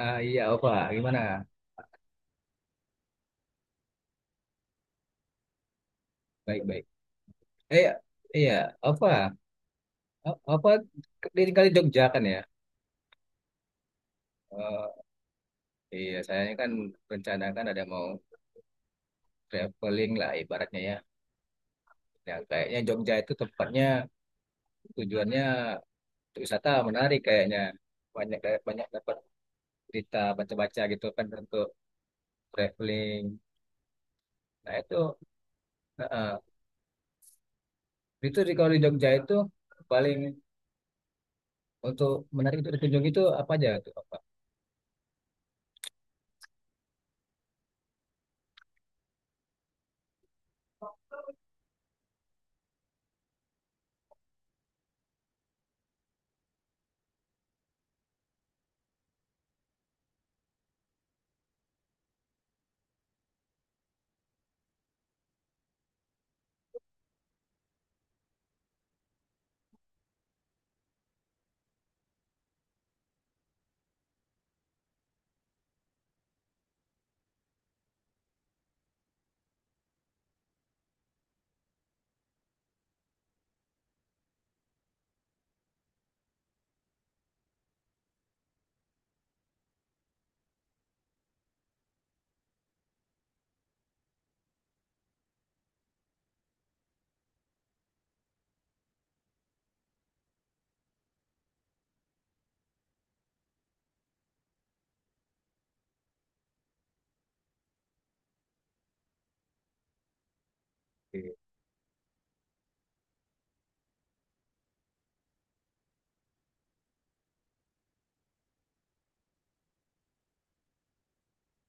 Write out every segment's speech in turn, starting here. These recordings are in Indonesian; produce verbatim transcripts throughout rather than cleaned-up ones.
Ah, iya, Ova, gimana? Baik, baik. Eh, iya, Ova, O- Ova tinggal di Jogja kan ya? Eh, iya, saya ini kan rencana kan ada mau traveling lah ibaratnya ya. Ya, kayaknya Jogja itu tempatnya, tujuannya untuk wisata menarik kayaknya. Banyak, kayak banyak dapat cerita baca-baca gitu kan untuk traveling. Nah, itu eh, eh. itu di, kalau di Jogja itu paling, untuk menarik untuk dikunjungi itu apa aja tuh, Ova?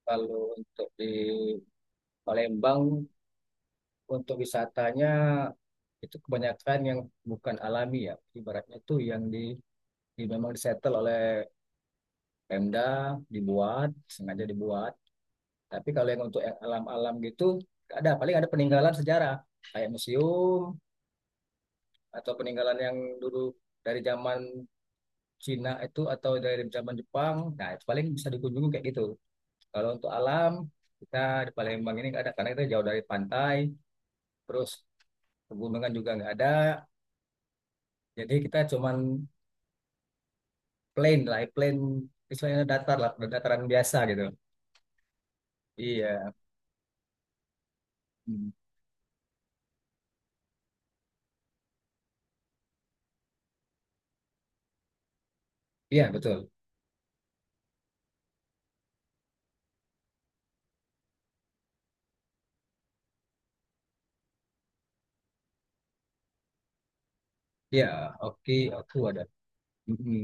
Kalau untuk di Palembang, untuk wisatanya itu kebanyakan yang bukan alami ya. Ibaratnya itu yang di, di memang disetel oleh Pemda, dibuat, sengaja dibuat. Tapi kalau yang untuk yang alam-alam gitu nggak ada, paling ada peninggalan sejarah kayak museum, atau peninggalan yang dulu dari zaman Cina itu atau dari zaman Jepang. Nah, itu paling bisa dikunjungi kayak gitu. Kalau untuk alam, kita di Palembang ini nggak ada, karena kita jauh dari pantai, terus pegunungan juga nggak ada. Jadi kita cuman plain lah, plain istilahnya, datar lah, dataran biasa gitu. Iya, mm. Iya betul. Iya, oke, aku ada. Mm-mm.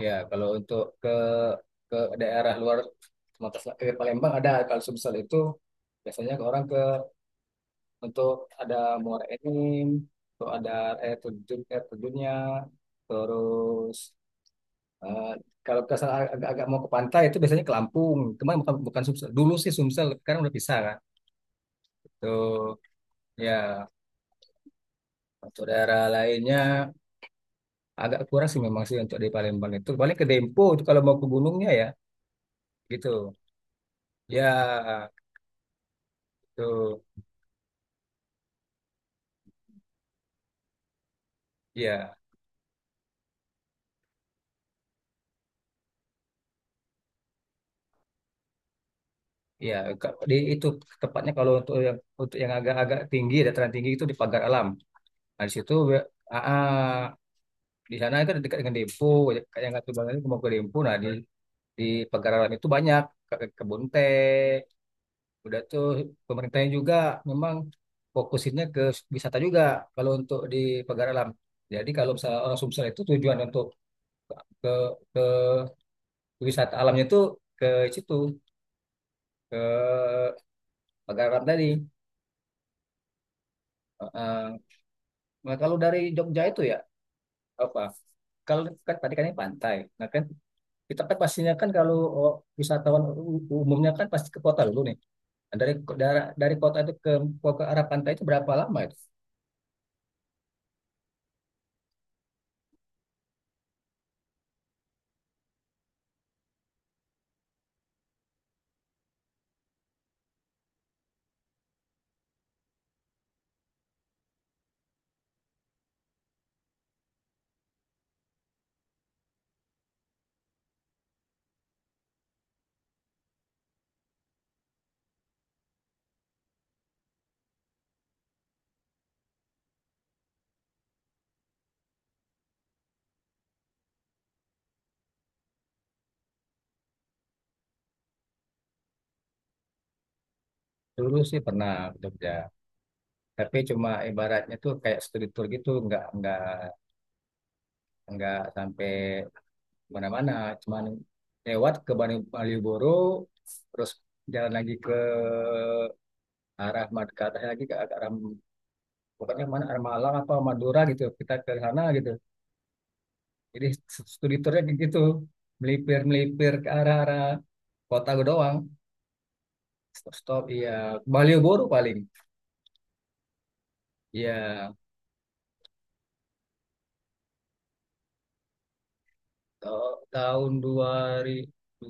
Ya, kalau untuk ke ke daerah luar Sumatera Selatan, ke Palembang ada. Kalau Sumsel itu biasanya ke orang, ke, untuk ada Muara Enim, untuk ada air terjun, air terjunnya. Terus eh, kalau ke sana agak, agak mau ke pantai itu biasanya ke Lampung, cuma bukan bukan Sumsel. Dulu sih Sumsel, sekarang udah pisah kan. Tuh, ya. Untuk daerah lainnya agak kurang sih, memang sih untuk di Palembang itu. Paling ke Dempo itu kalau mau ke gunungnya, ya gitu. Ya gitu. Ya, ya. Ka- di itu, tepatnya kalau untuk yang untuk yang agak-agak tinggi, dataran tinggi itu di Pagar Alam. Nah, di situ ya, ah, ah, di sana itu dekat dengan Dempo. Kayak yang kata Bang itu mau ke Dempo. Nah, di di Pagar Alam itu banyak Ke- kebun teh. Udah, tuh pemerintahnya juga memang fokusinnya ke wisata juga, kalau untuk di Pagar Alam. Jadi kalau misalnya orang Sumsel itu tujuan untuk ke ke, ke wisata alamnya, itu ke situ, ke Pagar Alam tadi. Heeh. Nah, kalau dari Jogja itu ya, apa? Kalau, kan tadi kan ini pantai. Nah kan kita kan pastinya, kan kalau oh, wisatawan u- umumnya kan pasti ke kota dulu nih. Nah, Dari dari dari kota itu ke, ke arah pantai itu berapa lama itu? Dulu sih pernah ke Jogja. Tapi cuma ibaratnya tuh kayak studi tour gitu, nggak nggak nggak sampai mana-mana, cuman lewat ke Bali- Malioboro, terus jalan lagi ke arah Mad, ke atas lagi ke ke arah, pokoknya mana arah Malang apa Madura gitu, kita ke sana gitu. Jadi studi tournya kayak gitu, melipir melipir ke arah, arah kota gue doang. Stop stop, iya. Malioboro paling. Iya, ta- tahun dua ribu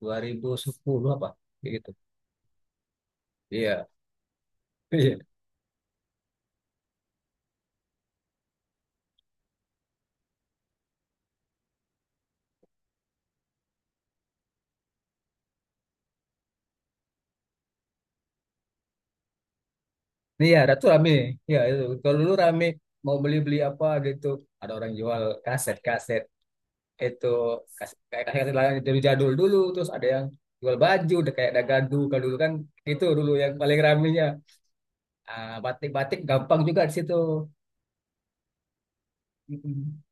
dua ribu sepuluh apa, kayak gitu. Iya, iya. Nih ya, Ratu rame. Ya, itu. Kalau dulu rame, mau beli-beli apa gitu. Ada orang jual kaset-kaset. Itu, kas- kayak kaset-kaset lah dari jadul dulu. Terus ada yang jual baju, udah kayak dagadu. Kalau dulu kan, itu dulu yang paling ramenya. Ah, batik-batik gampang juga di situ. Mm-mm.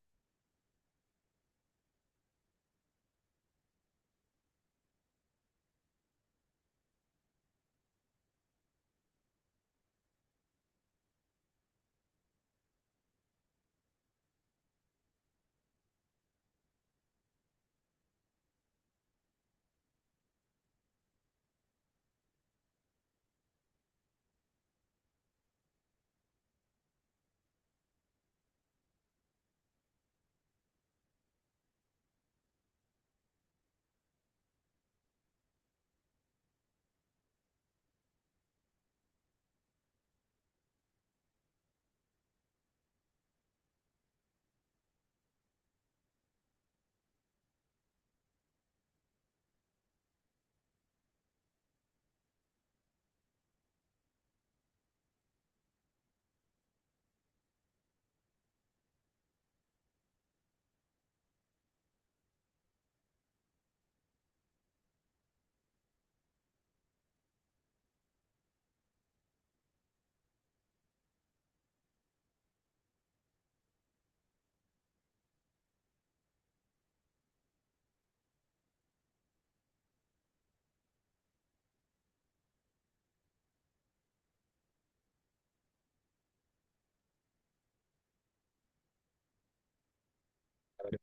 Kalau di-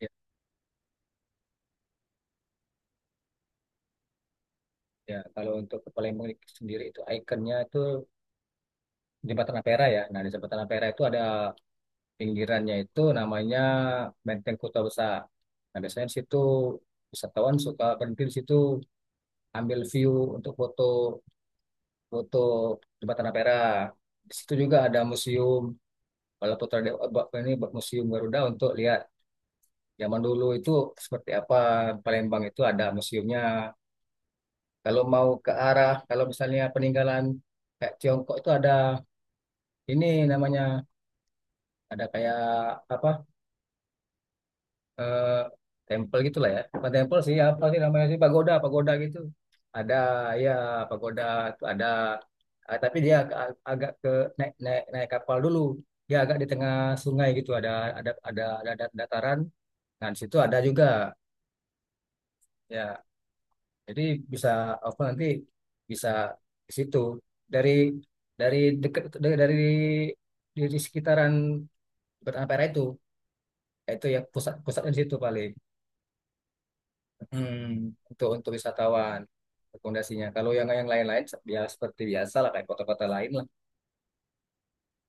Ya, ya, kalau untuk ke Palembang sendiri itu ikonnya itu Jembatan Ampera ya. Nah, di Jembatan Ampera itu ada pinggirannya, itu namanya Benteng Kota Besar. Nah, biasanya di situ wisatawan suka berhenti di situ, ambil view untuk foto, foto Jembatan Tanah Perah. Di situ juga ada museum Balaputra Dewa, apa ini, Museum Garuda, untuk lihat zaman dulu itu seperti apa, Palembang itu ada museumnya. Kalau mau ke arah, kalau misalnya peninggalan kayak Tiongkok itu ada, ini namanya ada kayak apa, eh tempel gitulah ya bukan tempel sih, apa sih namanya sih, pagoda, pagoda gitu ada. Ya, pagoda itu ada. Ah, tapi dia ag- agak ke, naik naik naik kapal dulu, dia agak di tengah sungai gitu, ada ada ada ada, ada dataran. Nah, di situ ada juga. Ya, jadi bisa apa nanti, bisa ke situ dari dari dekat, dari, dari di, di sekitaran Betapera itu itu yang pusat pusatnya di situ paling. Hmm, untuk untuk wisatawan rekomendasinya. Kalau yang yang lain-lain ya seperti biasa lah kayak kota-kota lain lah.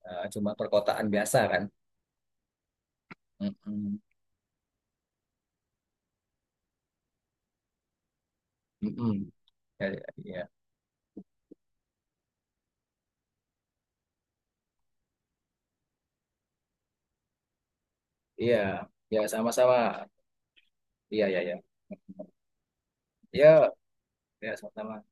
Eh, cuma perkotaan biasa kan. Mm-mm. Mm-mm. Ya, ya, ya, iya. Ya, sama-sama. Iya, ya, ya. Hmm. Ya, ya, sama-sama.